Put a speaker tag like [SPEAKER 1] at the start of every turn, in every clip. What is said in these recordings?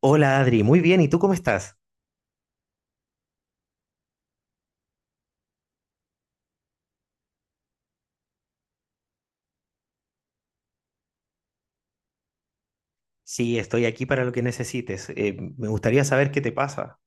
[SPEAKER 1] Hola Adri, muy bien, ¿y tú cómo estás? Sí, estoy aquí para lo que necesites. Me gustaría saber qué te pasa.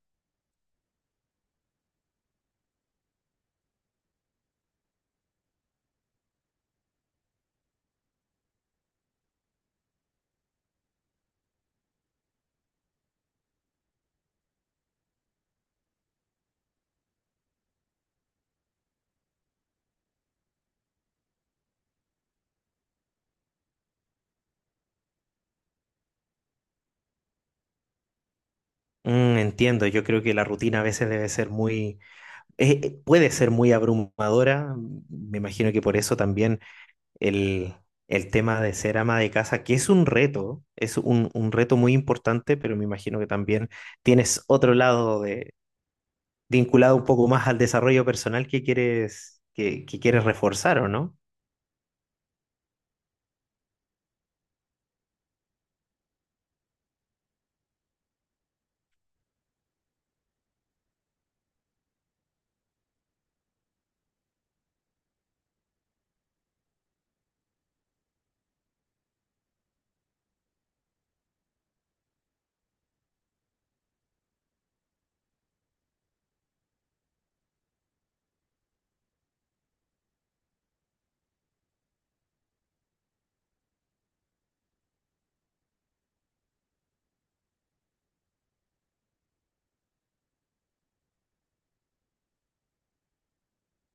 [SPEAKER 1] Mm, entiendo, yo creo que la rutina a veces debe ser muy, puede ser muy abrumadora. Me imagino que por eso también el, el tema de ser ama de casa, que es un reto, es un reto muy importante, pero me imagino que también tienes otro lado de, vinculado un poco más al desarrollo personal que quieres, que quieres reforzar, ¿o no?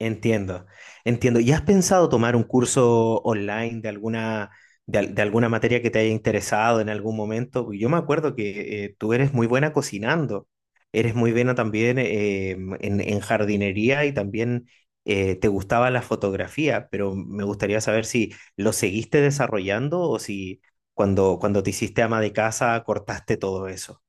[SPEAKER 1] Entiendo, entiendo. ¿Y has pensado tomar un curso online de alguna, de alguna materia que te haya interesado en algún momento? Porque yo me acuerdo que tú eres muy buena cocinando, eres muy buena también en jardinería y también te gustaba la fotografía, pero me gustaría saber si lo seguiste desarrollando o si cuando te hiciste ama de casa cortaste todo eso.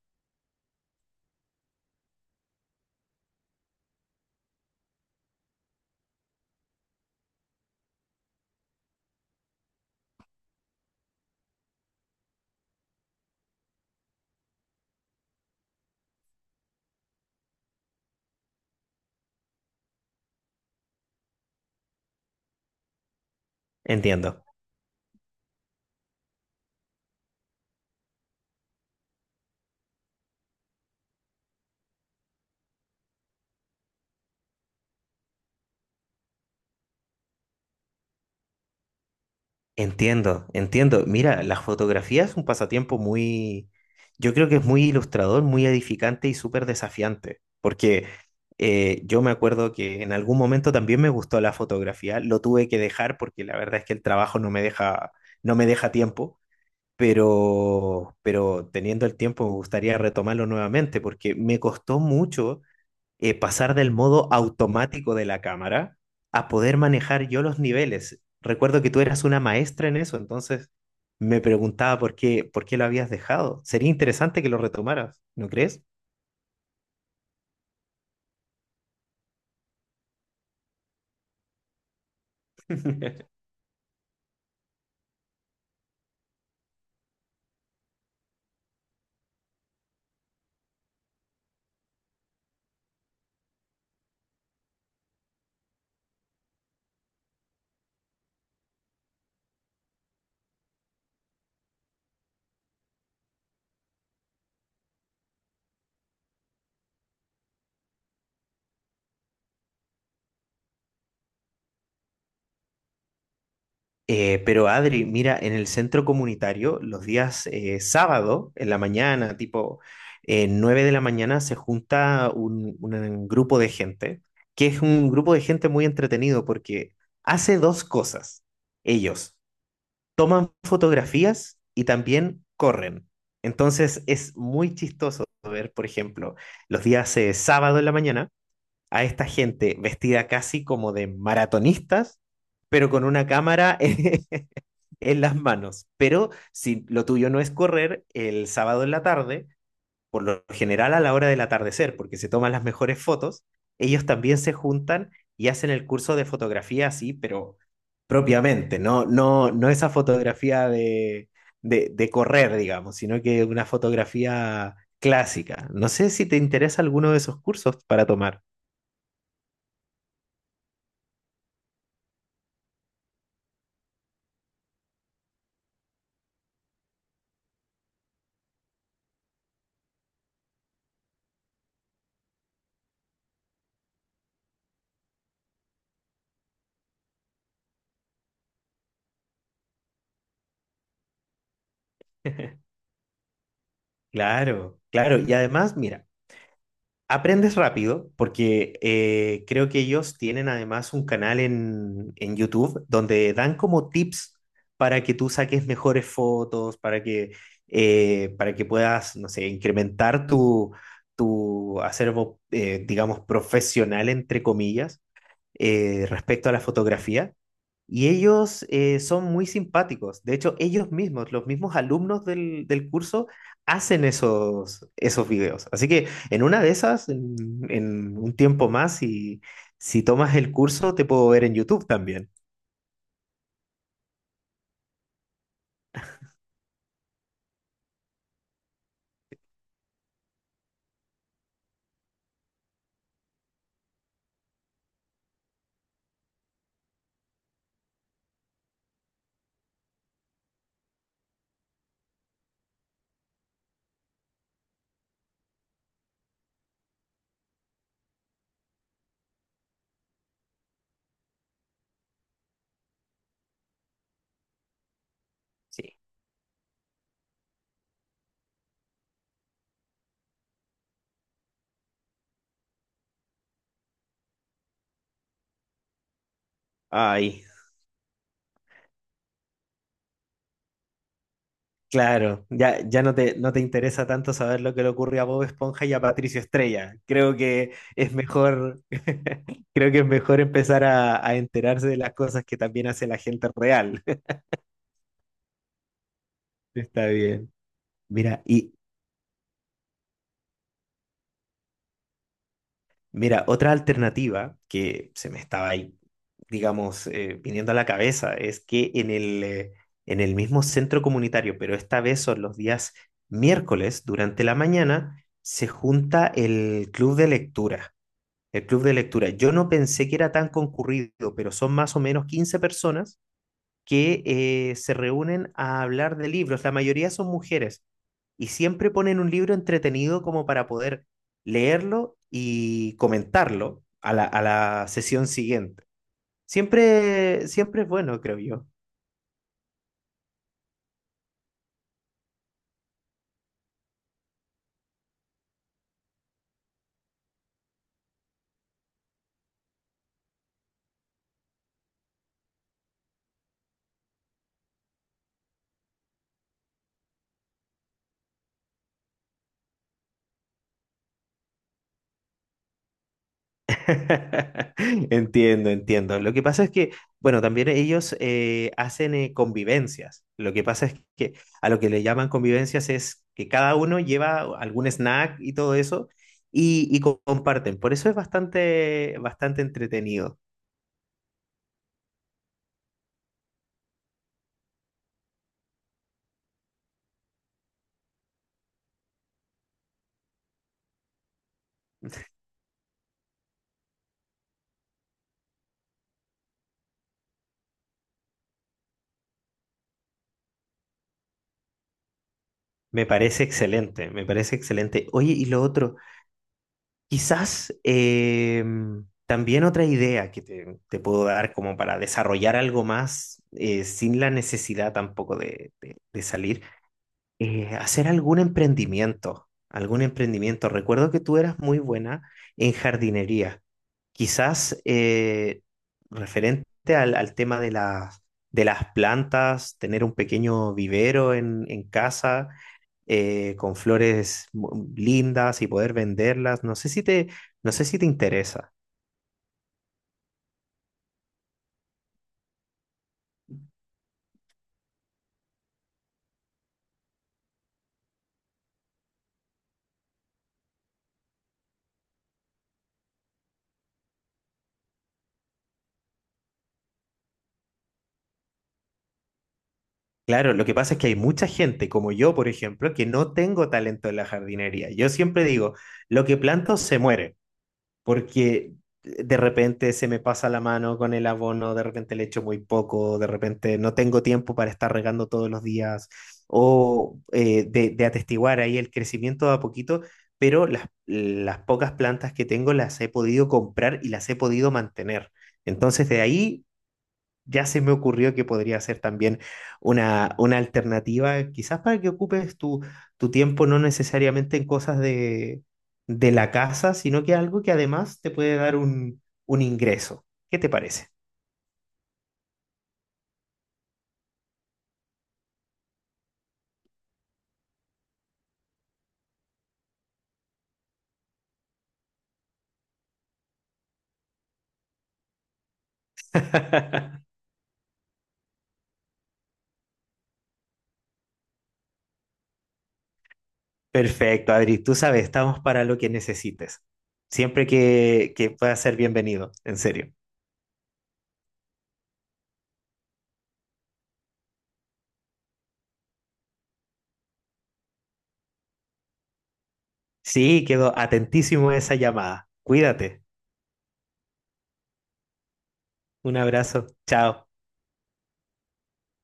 [SPEAKER 1] Entiendo. Entiendo, entiendo. Mira, la fotografía es un pasatiempo muy, yo creo que es muy ilustrador, muy edificante y súper desafiante, porque yo me acuerdo que en algún momento también me gustó la fotografía, lo tuve que dejar porque la verdad es que el trabajo no me deja, no me deja tiempo, pero teniendo el tiempo me gustaría retomarlo nuevamente porque me costó mucho pasar del modo automático de la cámara a poder manejar yo los niveles. Recuerdo que tú eras una maestra en eso, entonces me preguntaba por qué lo habías dejado. Sería interesante que lo retomaras, ¿no crees? Pero Adri, mira, en el centro comunitario, los días sábado, en la mañana, tipo 9 de la mañana, se junta un grupo de gente, que es un grupo de gente muy entretenido porque hace dos cosas. Ellos toman fotografías y también corren. Entonces es muy chistoso ver, por ejemplo, los días sábado en la mañana, a esta gente vestida casi como de maratonistas, pero con una cámara en las manos. Pero si lo tuyo no es correr, el sábado en la tarde, por lo general a la hora del atardecer, porque se toman las mejores fotos, ellos también se juntan y hacen el curso de fotografía así, pero propiamente, no esa fotografía de, de correr, digamos, sino que una fotografía clásica. No sé si te interesa alguno de esos cursos para tomar. Claro, claro. Y además, mira. Aprendes rápido porque creo que ellos tienen además un canal en YouTube donde dan como tips para que tú saques mejores fotos, para que puedas, no sé, incrementar tu, tu acervo, digamos, profesional, entre comillas, respecto a la fotografía. Y ellos son muy simpáticos. De hecho, ellos mismos, los mismos alumnos del curso, hacen esos, esos videos. Así que en una de esas, en un tiempo más, si, si tomas el curso, te puedo ver en YouTube también. Sí. Ay, claro, ya, ya no te, no te interesa tanto saber lo que le ocurre a Bob Esponja y a Patricio Estrella. Creo que es mejor, creo que es mejor empezar a enterarse de las cosas que también hace la gente real. Está bien. Mira, y, mira, otra alternativa que se me estaba ahí, digamos, viniendo a la cabeza es que en el mismo centro comunitario, pero esta vez son los días miércoles durante la mañana, se junta el club de lectura. El club de lectura. Yo no pensé que era tan concurrido, pero son más o menos 15 personas que se reúnen a hablar de libros. La mayoría son mujeres y siempre ponen un libro entretenido como para poder leerlo y comentarlo a a la sesión siguiente. Siempre, siempre es bueno, creo yo. Entiendo, entiendo. Lo que pasa es que, bueno, también ellos hacen convivencias. Lo que pasa es que a lo que le llaman convivencias es que cada uno lleva algún snack y todo eso y co- comparten. Por eso es bastante, bastante entretenido. Me parece excelente, me parece excelente. Oye, y lo otro, quizás también otra idea que te puedo dar como para desarrollar algo más sin la necesidad tampoco de de salir hacer algún emprendimiento, algún emprendimiento. Recuerdo que tú eras muy buena en jardinería, quizás referente al tema de las plantas, tener un pequeño vivero en casa con flores mu- lindas y poder venderlas. No sé si te, no sé si te interesa. Claro, lo que pasa es que hay mucha gente, como yo, por ejemplo, que no tengo talento en la jardinería. Yo siempre digo, lo que planto se muere. Porque de repente se me pasa la mano con el abono, de repente le echo muy poco, de repente no tengo tiempo para estar regando todos los días, o de atestiguar ahí el crecimiento de a poquito, pero las pocas plantas que tengo las he podido comprar y las he podido mantener. Entonces de ahí ya se me ocurrió que podría ser también una alternativa, quizás para que ocupes tu, tu tiempo no necesariamente en cosas de la casa, sino que algo que además te puede dar un ingreso. ¿Qué te parece? Perfecto, Adri, tú sabes, estamos para lo que necesites. Siempre que puedas ser bienvenido, en serio. Sí, quedo atentísimo a esa llamada. Cuídate. Un abrazo. Chao.